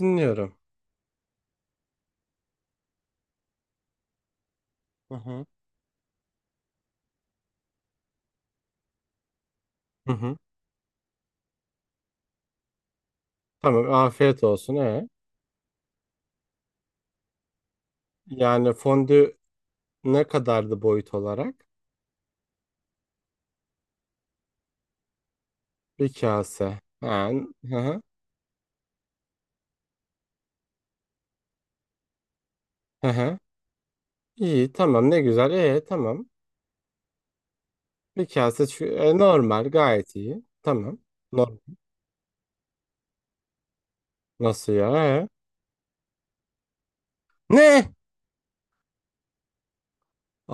Dinliyorum. Hı hı. Hı hı. Tamam, afiyet olsun. Ee? Yani fondü ne kadardı boyut olarak? Bir kase. Ha, hı hı. Hı hı. İyi, tamam, ne güzel. Tamam. Bir kase şu, normal, gayet iyi. Tamam. No- nasıl ya? Ee? Ne?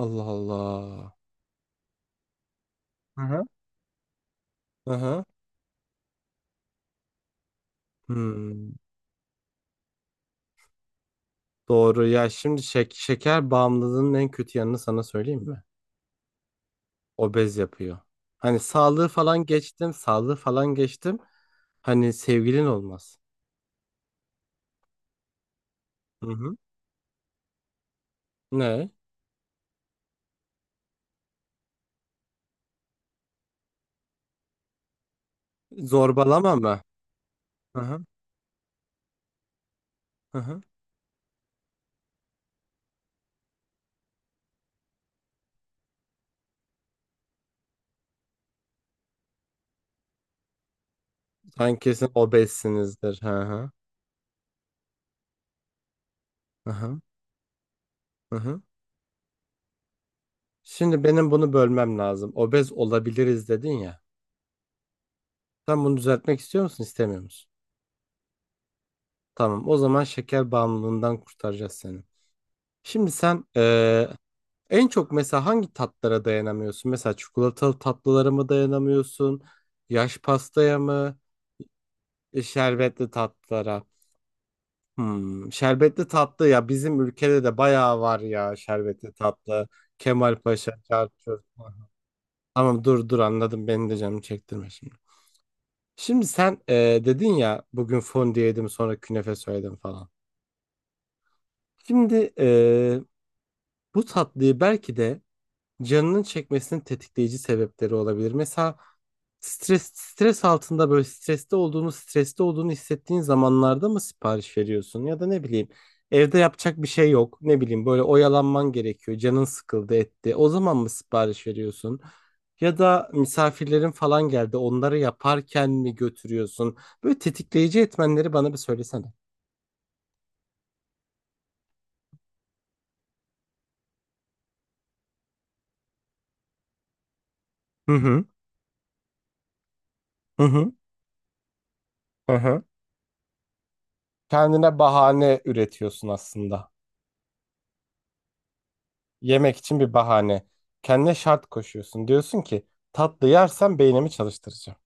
Allah Allah. Hı hı. Hı hı. Hmm. Doğru ya. Şimdi şeker bağımlılığının en kötü yanını sana söyleyeyim mi? Obez yapıyor. Hani sağlığı falan geçtim, sağlığı falan geçtim. Hani sevgilin olmaz. Hı hı. Ne? Zorbalama mı? Hı hı. Hı hı. Sen kesin obezsinizdir. Hı hı. Hı hı. Hı hı. Şimdi benim bunu bölmem lazım. Obez olabiliriz dedin ya. Sen bunu düzeltmek istiyor musun, istemiyor musun? Tamam. O zaman şeker bağımlılığından kurtaracağız seni. Şimdi sen en çok mesela hangi tatlara dayanamıyorsun? Mesela çikolatalı tatlılara mı dayanamıyorsun? Yaş pastaya mı? Şerbetli tatlılara. Şerbetli tatlı ya, bizim ülkede de bayağı var ya şerbetli tatlı. Kemalpaşa, Çarçur. Tamam, dur dur, anladım, beni de canım çektirme şimdi. Şimdi sen dedin ya bugün fondue yedim sonra künefe söyledim falan. Şimdi bu tatlıyı belki de canının çekmesinin tetikleyici sebepleri olabilir. Mesela stres altında, böyle streste olduğunu hissettiğin zamanlarda mı sipariş veriyorsun, ya da ne bileyim evde yapacak bir şey yok, ne bileyim böyle oyalanman gerekiyor, canın sıkıldı etti, o zaman mı sipariş veriyorsun? Ya da misafirlerin falan geldi, onları yaparken mi götürüyorsun? Böyle tetikleyici etmenleri bana bir söylesene. Hı hı. Hı hı. Hı hı. Kendine bahane üretiyorsun aslında. Yemek için bir bahane. Kendine şart koşuyorsun. Diyorsun ki tatlı yersem beynimi çalıştıracağım.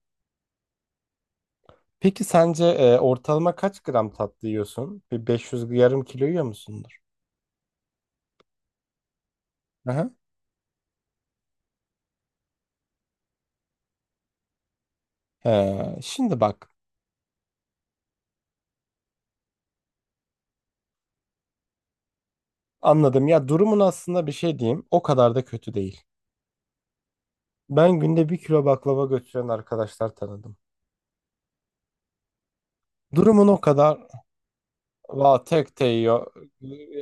Peki sence ortalama kaç gram tatlı yiyorsun? Bir 500, yarım kilo yiyor musundur? Aha. Şimdi bak, anladım ya, durumun aslında, bir şey diyeyim, o kadar da kötü değil. Ben günde bir kilo baklava götüren arkadaşlar tanıdım. Durumun o kadar va tek te yiyor.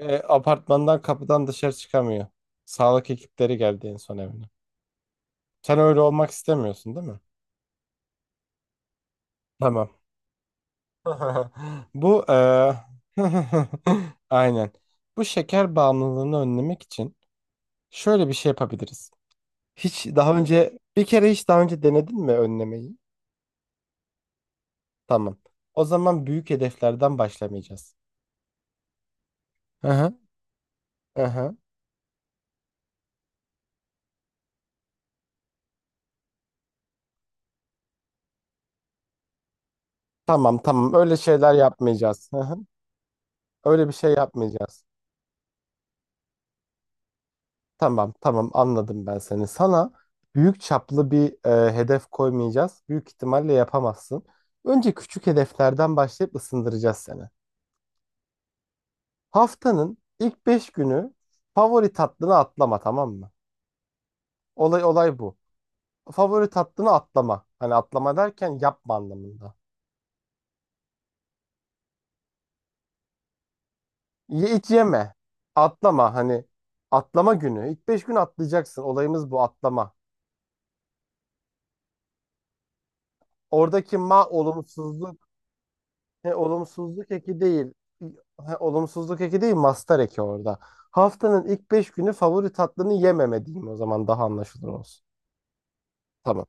Apartmandan kapıdan dışarı çıkamıyor. Sağlık ekipleri geldi en son evine. Sen öyle olmak istemiyorsun değil mi? Tamam. Bu aynen. Bu şeker bağımlılığını önlemek için şöyle bir şey yapabiliriz. Hiç daha önce denedin mi önlemeyi? Tamam. O zaman büyük hedeflerden başlamayacağız. Hı hı. Hı hı. Tamam, tamam, öyle şeyler yapmayacağız. Hı hı. Öyle bir şey yapmayacağız. Tamam, tamam, anladım ben seni. Sana büyük çaplı bir hedef koymayacağız. Büyük ihtimalle yapamazsın. Önce küçük hedeflerden başlayıp ısındıracağız seni. Haftanın ilk 5 günü favori tatlını atlama, tamam mı? Olay olay bu. Favori tatlını atlama. Hani atlama derken yapma anlamında. Ye, hiç yeme. Atlama, hani atlama günü. İlk 5 gün atlayacaksın. Olayımız bu, atlama. Oradaki ma olumsuzluk, he, olumsuzluk eki değil. He, olumsuzluk eki değil, mastar eki orada. Haftanın ilk 5 günü favori tatlını yememe diyeyim o zaman, daha anlaşılır olsun. Tamam.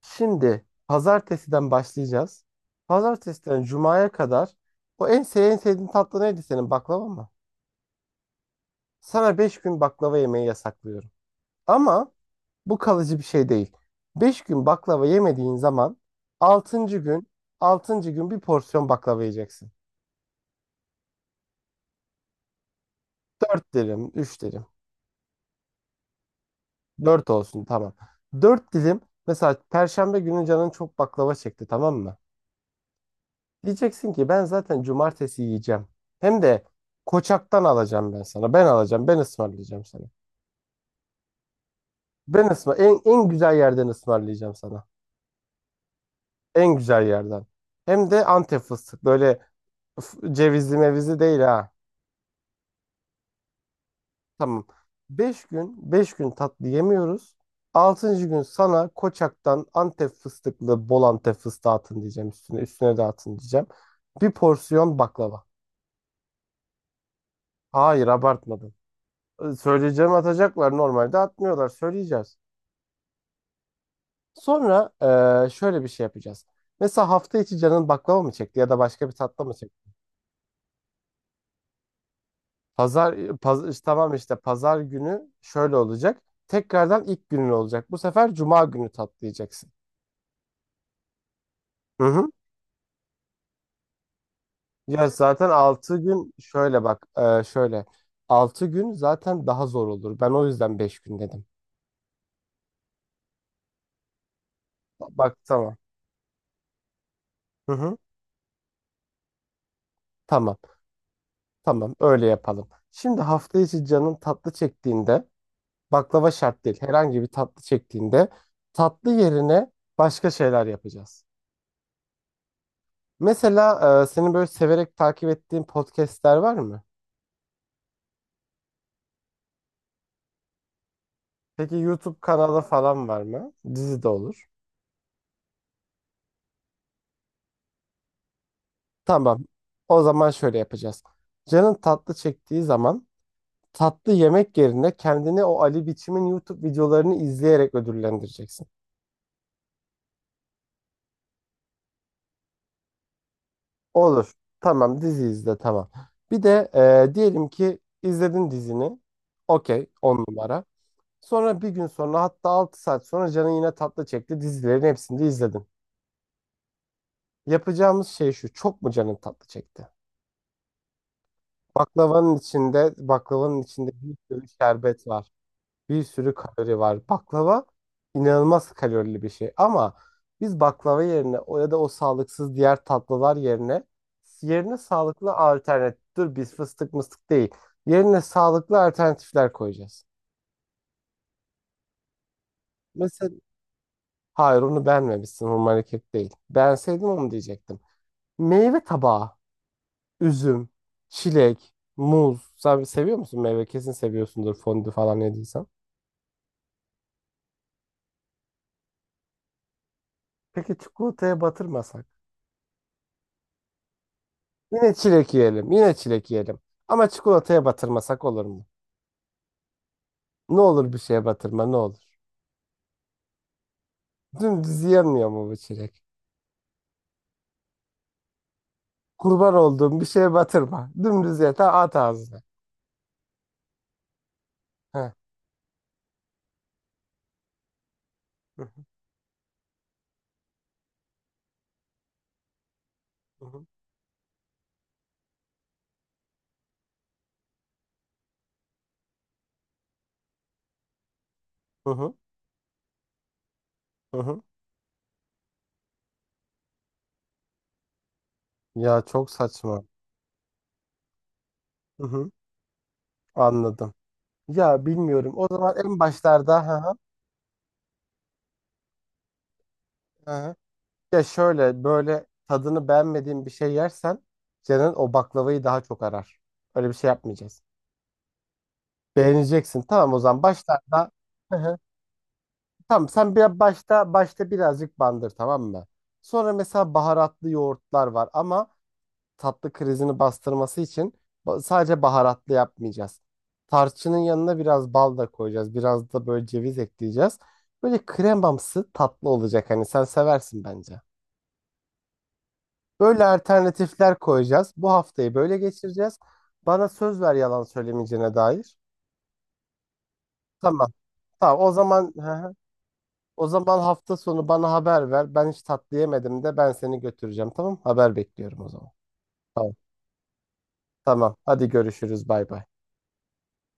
Şimdi pazartesiden başlayacağız. Pazartesiden cumaya kadar o en sevdiğin tatlı neydi senin, baklava mı? Sana 5 gün baklava yemeyi yasaklıyorum. Ama bu kalıcı bir şey değil. 5 gün baklava yemediğin zaman altıncı gün, bir porsiyon baklava yiyeceksin. 4 dilim, 3 dilim. Dört olsun, tamam. Dört dilim, mesela Perşembe günü canın çok baklava çekti, tamam mı? Diyeceksin ki ben zaten cumartesi yiyeceğim. Hem de Koçak'tan alacağım ben sana. Ben alacağım. Ben ısmarlayacağım sana. Ben en güzel yerden ısmarlayacağım sana. En güzel yerden. Hem de Antep fıstık. Böyle cevizli mevizi değil ha. Tamam. Beş gün tatlı yemiyoruz. Altıncı gün sana Koçak'tan Antep fıstıklı, bol Antep fıstığı atın diyeceğim üstüne. Üstüne de atın diyeceğim. Bir porsiyon baklava. Hayır, abartmadım. Söyleyeceğimi atacaklar. Normalde atmıyorlar. Söyleyeceğiz. Sonra şöyle bir şey yapacağız. Mesela hafta içi canın baklava mı çekti, ya da başka bir tatlı mı çekti? Pazar, işte tamam, işte pazar günü şöyle olacak. Tekrardan ilk günün olacak. Bu sefer cuma günü tatlayacaksın. Hı hı. Ya zaten 6 gün şöyle bak, şöyle 6 gün zaten daha zor olur. Ben o yüzden 5 gün dedim. Bak, tamam. Hı hı. Tamam. Tamam, öyle yapalım. Şimdi hafta içi canın tatlı çektiğinde, baklava şart değil. Herhangi bir tatlı çektiğinde tatlı yerine başka şeyler yapacağız. Mesela senin böyle severek takip ettiğin podcastler var mı? Peki YouTube kanalı falan var mı? Dizi de olur. Tamam. O zaman şöyle yapacağız. Canın tatlı çektiği zaman tatlı yemek yerine kendini o Ali Biçim'in YouTube videolarını izleyerek ödüllendireceksin. Olur. Tamam, dizi izle, tamam. Bir de diyelim ki izledin dizini. Okey, on numara. Sonra bir gün sonra, hatta 6 saat sonra canın yine tatlı çekti. Dizilerin hepsini de izledin. Yapacağımız şey şu. Çok mu canın tatlı çekti? Baklavanın içinde bir sürü şerbet var. Bir sürü kalori var. Baklava inanılmaz kalorili bir şey. Ama biz baklava yerine, o ya da o sağlıksız diğer tatlılar yerine, sağlıklı alternatif. Dur, biz fıstık mıstık değil. Yerine sağlıklı alternatifler koyacağız. Mesela hayır, onu beğenmemişsin. Hurmalı kek değil. Beğenseydim onu diyecektim. Meyve tabağı. Üzüm, çilek, muz. Sen seviyor musun meyve? Kesin seviyorsundur, fondü falan yediysen. Peki çikolataya batırmasak? Yine çilek yiyelim. Yine çilek yiyelim. Ama çikolataya batırmasak olur mu? Ne olur bir şeye batırma, ne olur. Dümdüz yenmiyor mu bu çilek? Kurban olduğum, bir şeye batırma. Dümdüz ye, ta at ağzına. Heh. Hı hı, hı hı, hı hı. Hı hı. Ya çok saçma. Hı hı. Anladım. Ya bilmiyorum. O zaman en başlarda. Ha. Ya şöyle, böyle tadını beğenmediğin bir şey yersen canın o baklavayı daha çok arar. Öyle bir şey yapmayacağız. Beğeneceksin. Tamam, o zaman başlarda. Hı hı. Tamam, sen bir başta birazcık bandır, tamam mı? Sonra mesela baharatlı yoğurtlar var ama tatlı krizini bastırması için sadece baharatlı yapmayacağız. Tarçının yanına biraz bal da koyacağız. Biraz da böyle ceviz ekleyeceğiz. Böyle kremamsı tatlı olacak, hani sen seversin bence. Böyle alternatifler koyacağız. Bu haftayı böyle geçireceğiz. Bana söz ver, yalan söylemeyeceğine dair. Tamam. Tamam. O zaman hı hı. o zaman hafta sonu bana haber ver. Ben hiç tatlı yemedim de ben seni götüreceğim. Tamam? Haber bekliyorum o zaman. Tamam. Tamam. Hadi görüşürüz. Bay bay.